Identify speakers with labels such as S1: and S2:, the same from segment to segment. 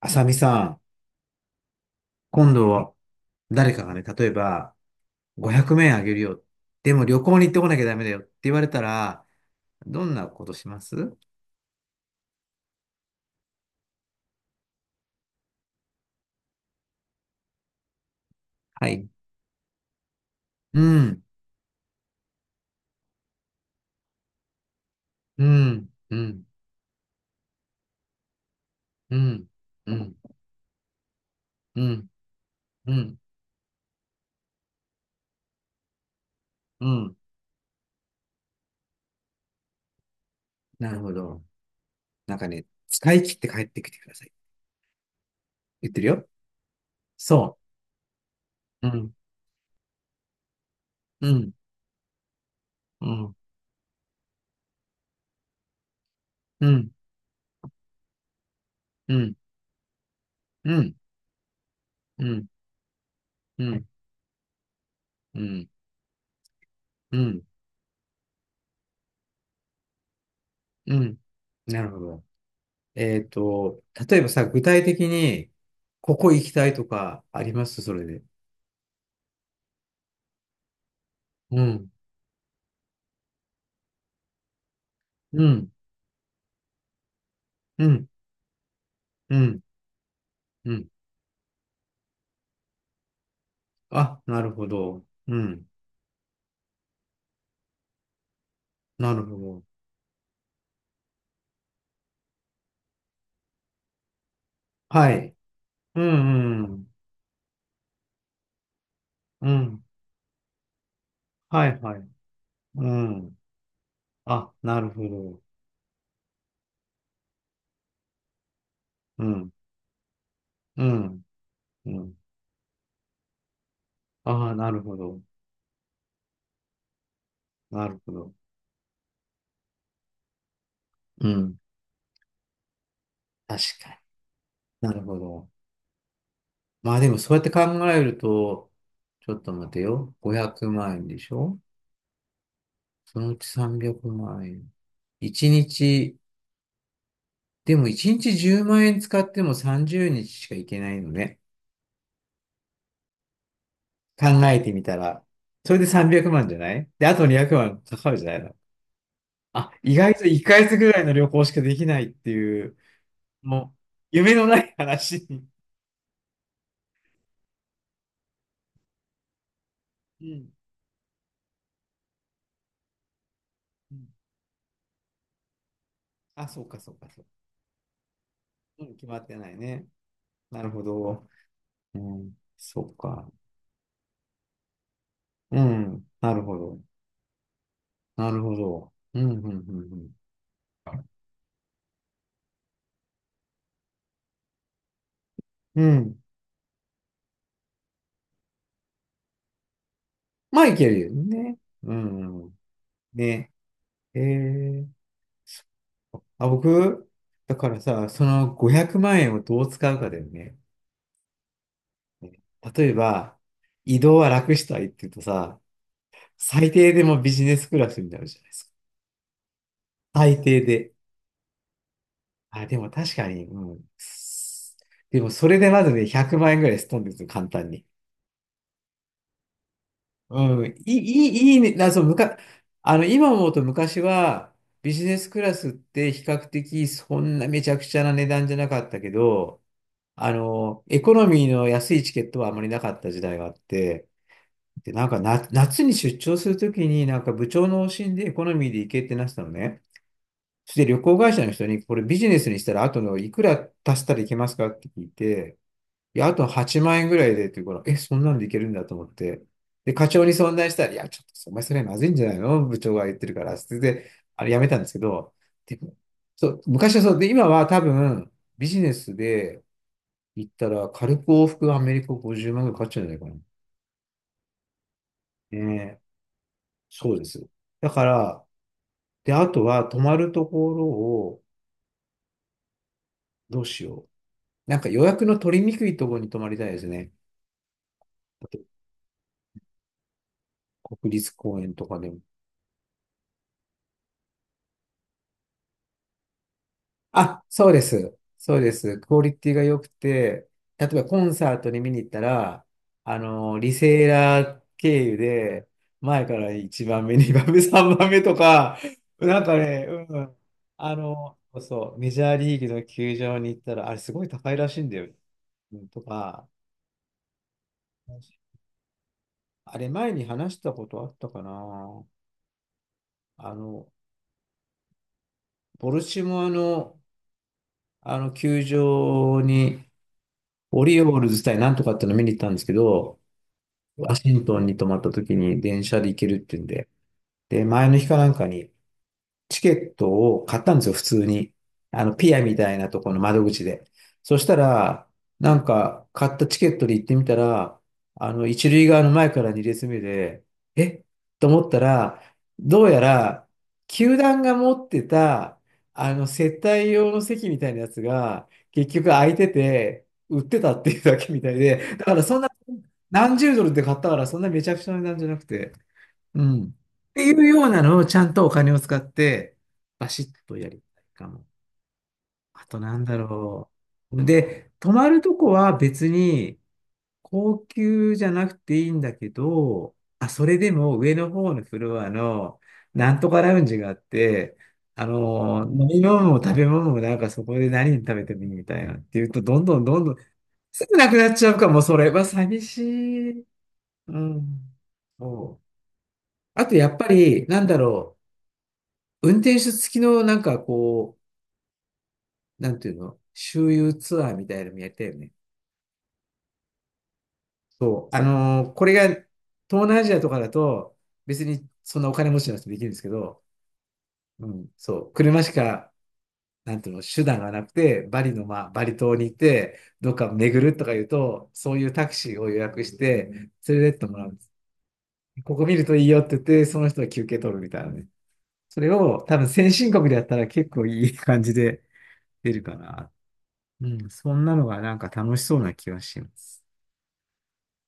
S1: あさみさん、今度は誰かがね、例えば500円あげるよ。でも旅行に行ってこなきゃダメだよって言われたら、どんなことします？はい。うん、うん、うん、うん、うん、うん、うん、うん。なるほど。なんかね、使い切って帰ってきてください。言ってるよ。そう。うん、うん、うん、うん、うん、うん、うん、うん、うん、うん。なるほど。えっと、例えばさ、具体的に、ここ行きたいとかありますそれで？うん、うん、うん、うん、うん。あ、なるほど。うん、なるほど。はい。うん、うん、うん。はい、はい。うん。あ、なるほど。うん、うん、うん。ああ、なるほど。なるほど。うん。確かに。なるほど。まあでも、そうやって考えると、ちょっと待てよ。500万円でしょ？そのうち300万円。1日、でも1日10万円使っても30日しか行けないのね。考えてみたら。それで300万じゃないで、あと200万かかるじゃないの。あ、意外と1ヶ月ぐらいの旅行しかできないっていう、もう、夢のない話に。うん。うん、あ、そうか、そうか、そう。うん、決まってないね。なるほど。うん、そうか。うん、なるほど。なるほど。うん、うん、うん、うん。うん、まあ、いけるよね。うん。ね。えー、あ、僕、だからさ、その500万円をどう使うかだよね。ね、例えば、移動は楽したいって言うとさ、最低でもビジネスクラスになるじゃないですか。最低で。あ、でも確かに、うん。でもそれでまずね、100万円ぐらいすっ飛んでるんですよ、簡単に。うん、いいね、なそう、むか、あの、今思うと昔は、ビジネスクラスって比較的そんなめちゃくちゃな値段じゃなかったけど、あの、エコノミーの安いチケットはあまりなかった時代があって、で、なんかな、夏に出張するときに、なんか部長の方針でエコノミーで行けってなってたのね。そして旅行会社の人に、これビジネスにしたら後のいくら足したらいけますかって聞いて、いや、あと8万円ぐらいでっていうから、え、そんなんでいけるんだと思って。で、課長に相談したら、いや、ちょっと、お前それまずいんじゃないの、部長が言ってるから。それで、あれやめたんですけど、でも、そう、昔はそうで、今は多分、ビジネスで行ったら、軽く往復アメリカ50万ぐらいかかっちゃうんじゃないかな。ねえ、そうです。だから、で、あとは、泊まるところを、どうしよう。なんか予約の取りにくいところに泊まりたいですね。あと国立公園とかでも。あ、そうです。そうです。クオリティが良くて、例えばコンサートに見に行ったら、あの、リセーラー経由で、前から1番目、2番目、3 番目とか、なんかね、うん。あの、そうそう、メジャーリーグの球場に行ったら、あれすごい高いらしいんだよ。うんとか、あれ前に話したことあったかな。あの、ボルチモアの、あの球場に、オリオールズ対なんとかっての見に行ったんですけど、ワシントンに泊まった時に電車で行けるっていうんで。で、前の日かなんかにチケットを買ったんですよ、普通に。あの、ピアみたいなところの窓口で。そしたら、なんか、買ったチケットで行ってみたら、あの、一塁側の前から二列目で、えと思ったら、どうやら、球団が持ってた、あの、接待用の席みたいなやつが、結局空いてて、売ってたっていうだけみたいで、だからそんな何十ドルで買ったから、そんなめちゃくちゃな値段じゃなくて、うん。っていうようなのをちゃんとお金を使って、バシッとやりたいかも。あとなんだろう。で、泊まるとこは別に高級じゃなくていいんだけど、あ、それでも上の方のフロアのなんとかラウンジがあって、あの、飲み物も食べ物もなんかそこで何食べてもいいみたいなっていうと、どんどんどんどんすぐなくなっちゃうかも、それは寂しい。うん。そう。あと、やっぱり、なんだろう。運転手付きの、なんかこう、なんていうの、周遊ツアーみたいなのもやったよね。そう。あのーこれが、東南アジアとかだと、別にそんなお金持ちの人できるんですけど、うん、そう。車しか、なんていうの、手段がなくて、バリの、まあ、バリ島に行って、どっか巡るとか言うと、そういうタクシーを予約して、連れてってもらうんです。ここ見るといいよって言って、その人は休憩取るみたいなね。それを多分先進国でやったら結構いい感じで出るかな。うん、そんなのがなんか楽しそうな気がします。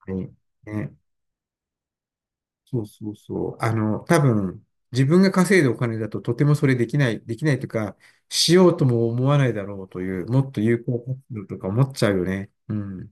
S1: はい。ね。そうそうそう。あの、多分、自分が稼いだお金だととてもそれできない、できないというか、しようとも思わないだろうという、もっと有効活用とか思っちゃうよね。うん。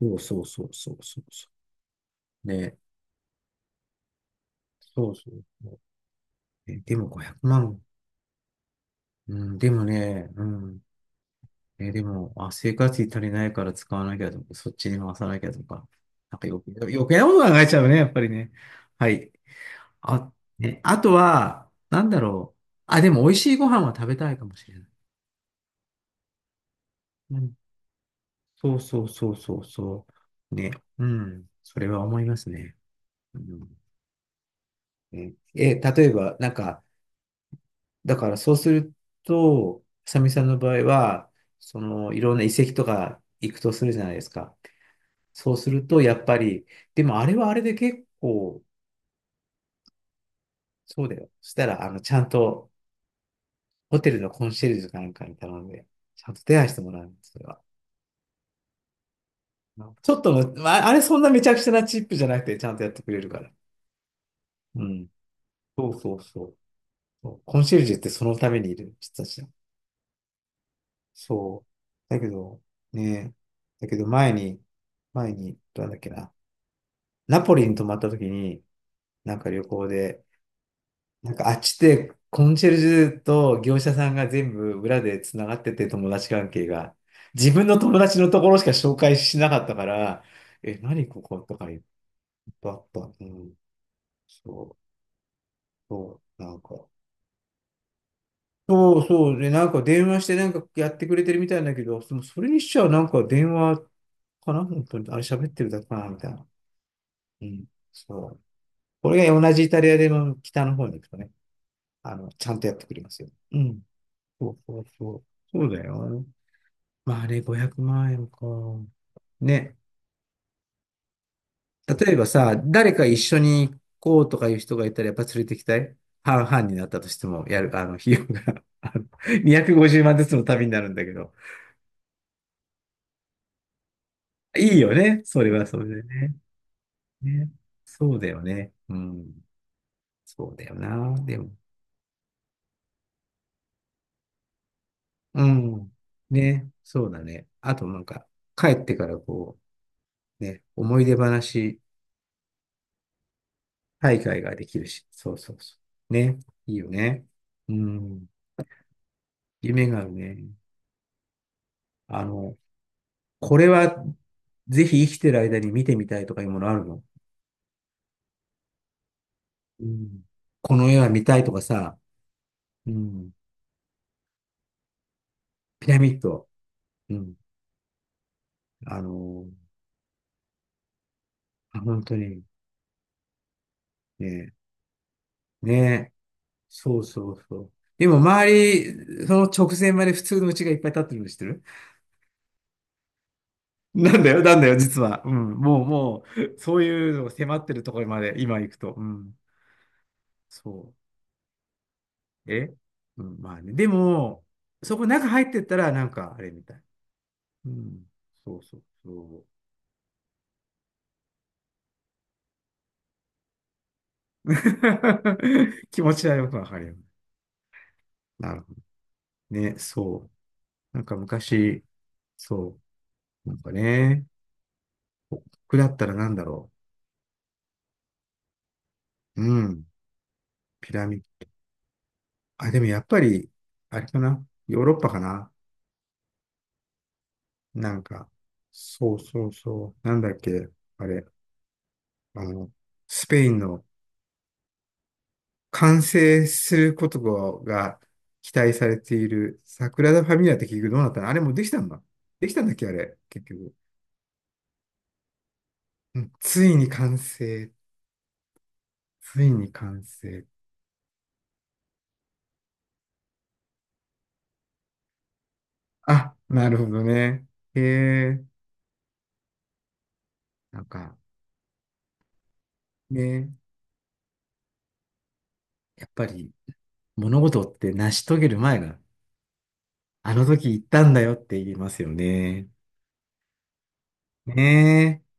S1: そうそうそうそうそうそう。ね。そうそうそう。えでも500万。うん、でもね、うん。えーでも、あ、生活費足りないから使わなきゃとか、そっちに回さなきゃとか、なんか余計、余計なこと考えちゃうね、やっぱりね。はい。あ、ね、あとは、なんだろう。あ、でも美味しいご飯は食べたいかもしれない。うん。そうそうそうそうそう。ね。うん。それは思いますね。うん。ねえ、例えば、なんか、だからそうすると、さみさんの場合は、その、いろんな遺跡とか行くとするじゃないですか。そうすると、やっぱり、でもあれはあれで結構、そうだよ。そしたら、あの、ちゃんと、ホテルのコンシェルジュかなんかに頼んで、ちゃんと手配してもらうんです、それは。ちょっとの、まあ、あれそんなめちゃくちゃなチップじゃなくて、ちゃんとやってくれるから。うん。そうそうそう。そうコンシェルジュってそのためにいる人たちだ。そう。だけど、ね、だけど前に、前に、どうなんだっけな。ナポリに泊まった時に、なんか旅行で、なんかあっちってコンシェルジュと業者さんが全部裏でつながってて友達関係が。自分の友達のところしか紹介しなかったから、え、何こことかいっぱいあった。うん。そう、そう、なんか。そうそう。で、なんか電話してなんかやってくれてるみたいだけど、それにしちゃなんか電話かな本当に。あれ喋ってるだけかなみたいな。うん。そう。これが同じイタリアでの北の方に行くとね、あの、ちゃんとやってくれますよ。うん。そうそうそう。そうだよ。まああれ500万円か。ね。例えばさ、誰か一緒に行こうとかいう人がいたらやっぱ連れてきたい。半々になったとしても、あの、費用が あの250万ずつの旅になるんだけど。いいよね。それはそれでね。ね。そうだよね。うん。そうだよな。でも。うん。ね。そうだね。あとなんか、帰ってからこう、ね、思い出話大会ができるし。そうそうそう。ね。いいよね。うん。夢があるね。あの、これはぜひ生きてる間に見てみたいとかいうものあるの？うん。この絵は見たいとかさ、うん。ピラミッド。うん。あの、あ、本当に。ね。ねそうそうそう。でも周り、その直前まで普通の家がいっぱい建ってるの知ってる？なんだよ、なんだよ、実は。うん。もう、もう、そういうのが迫ってるところまで今行くと。うん。そう。え、うん、まあね。でも、そこ中入ってったら、なんか、あれみたい。うん。そうそうそう。気持ちはよくわかるよ。なるほどね。そう。なんか昔、そう。なんかね、僕だったらなんだろう。うん。ピラミッド。あ、でもやっぱり、あれかな。ヨーロッパかな。なんかね、そうそうそう。なんだっけ。あれ。あの、スペインの完成することが期待されているサグラダ・ファミリアって結局どうなったの？あれもうできたんだ。できたんだっけ、あれ。結局。うん、ついに完成。ついに完成。あ、なるほどね。へえ。なんか、ね、やっぱり物事って成し遂げる前が、あの時言ったんだよって言いますよね。ねえ。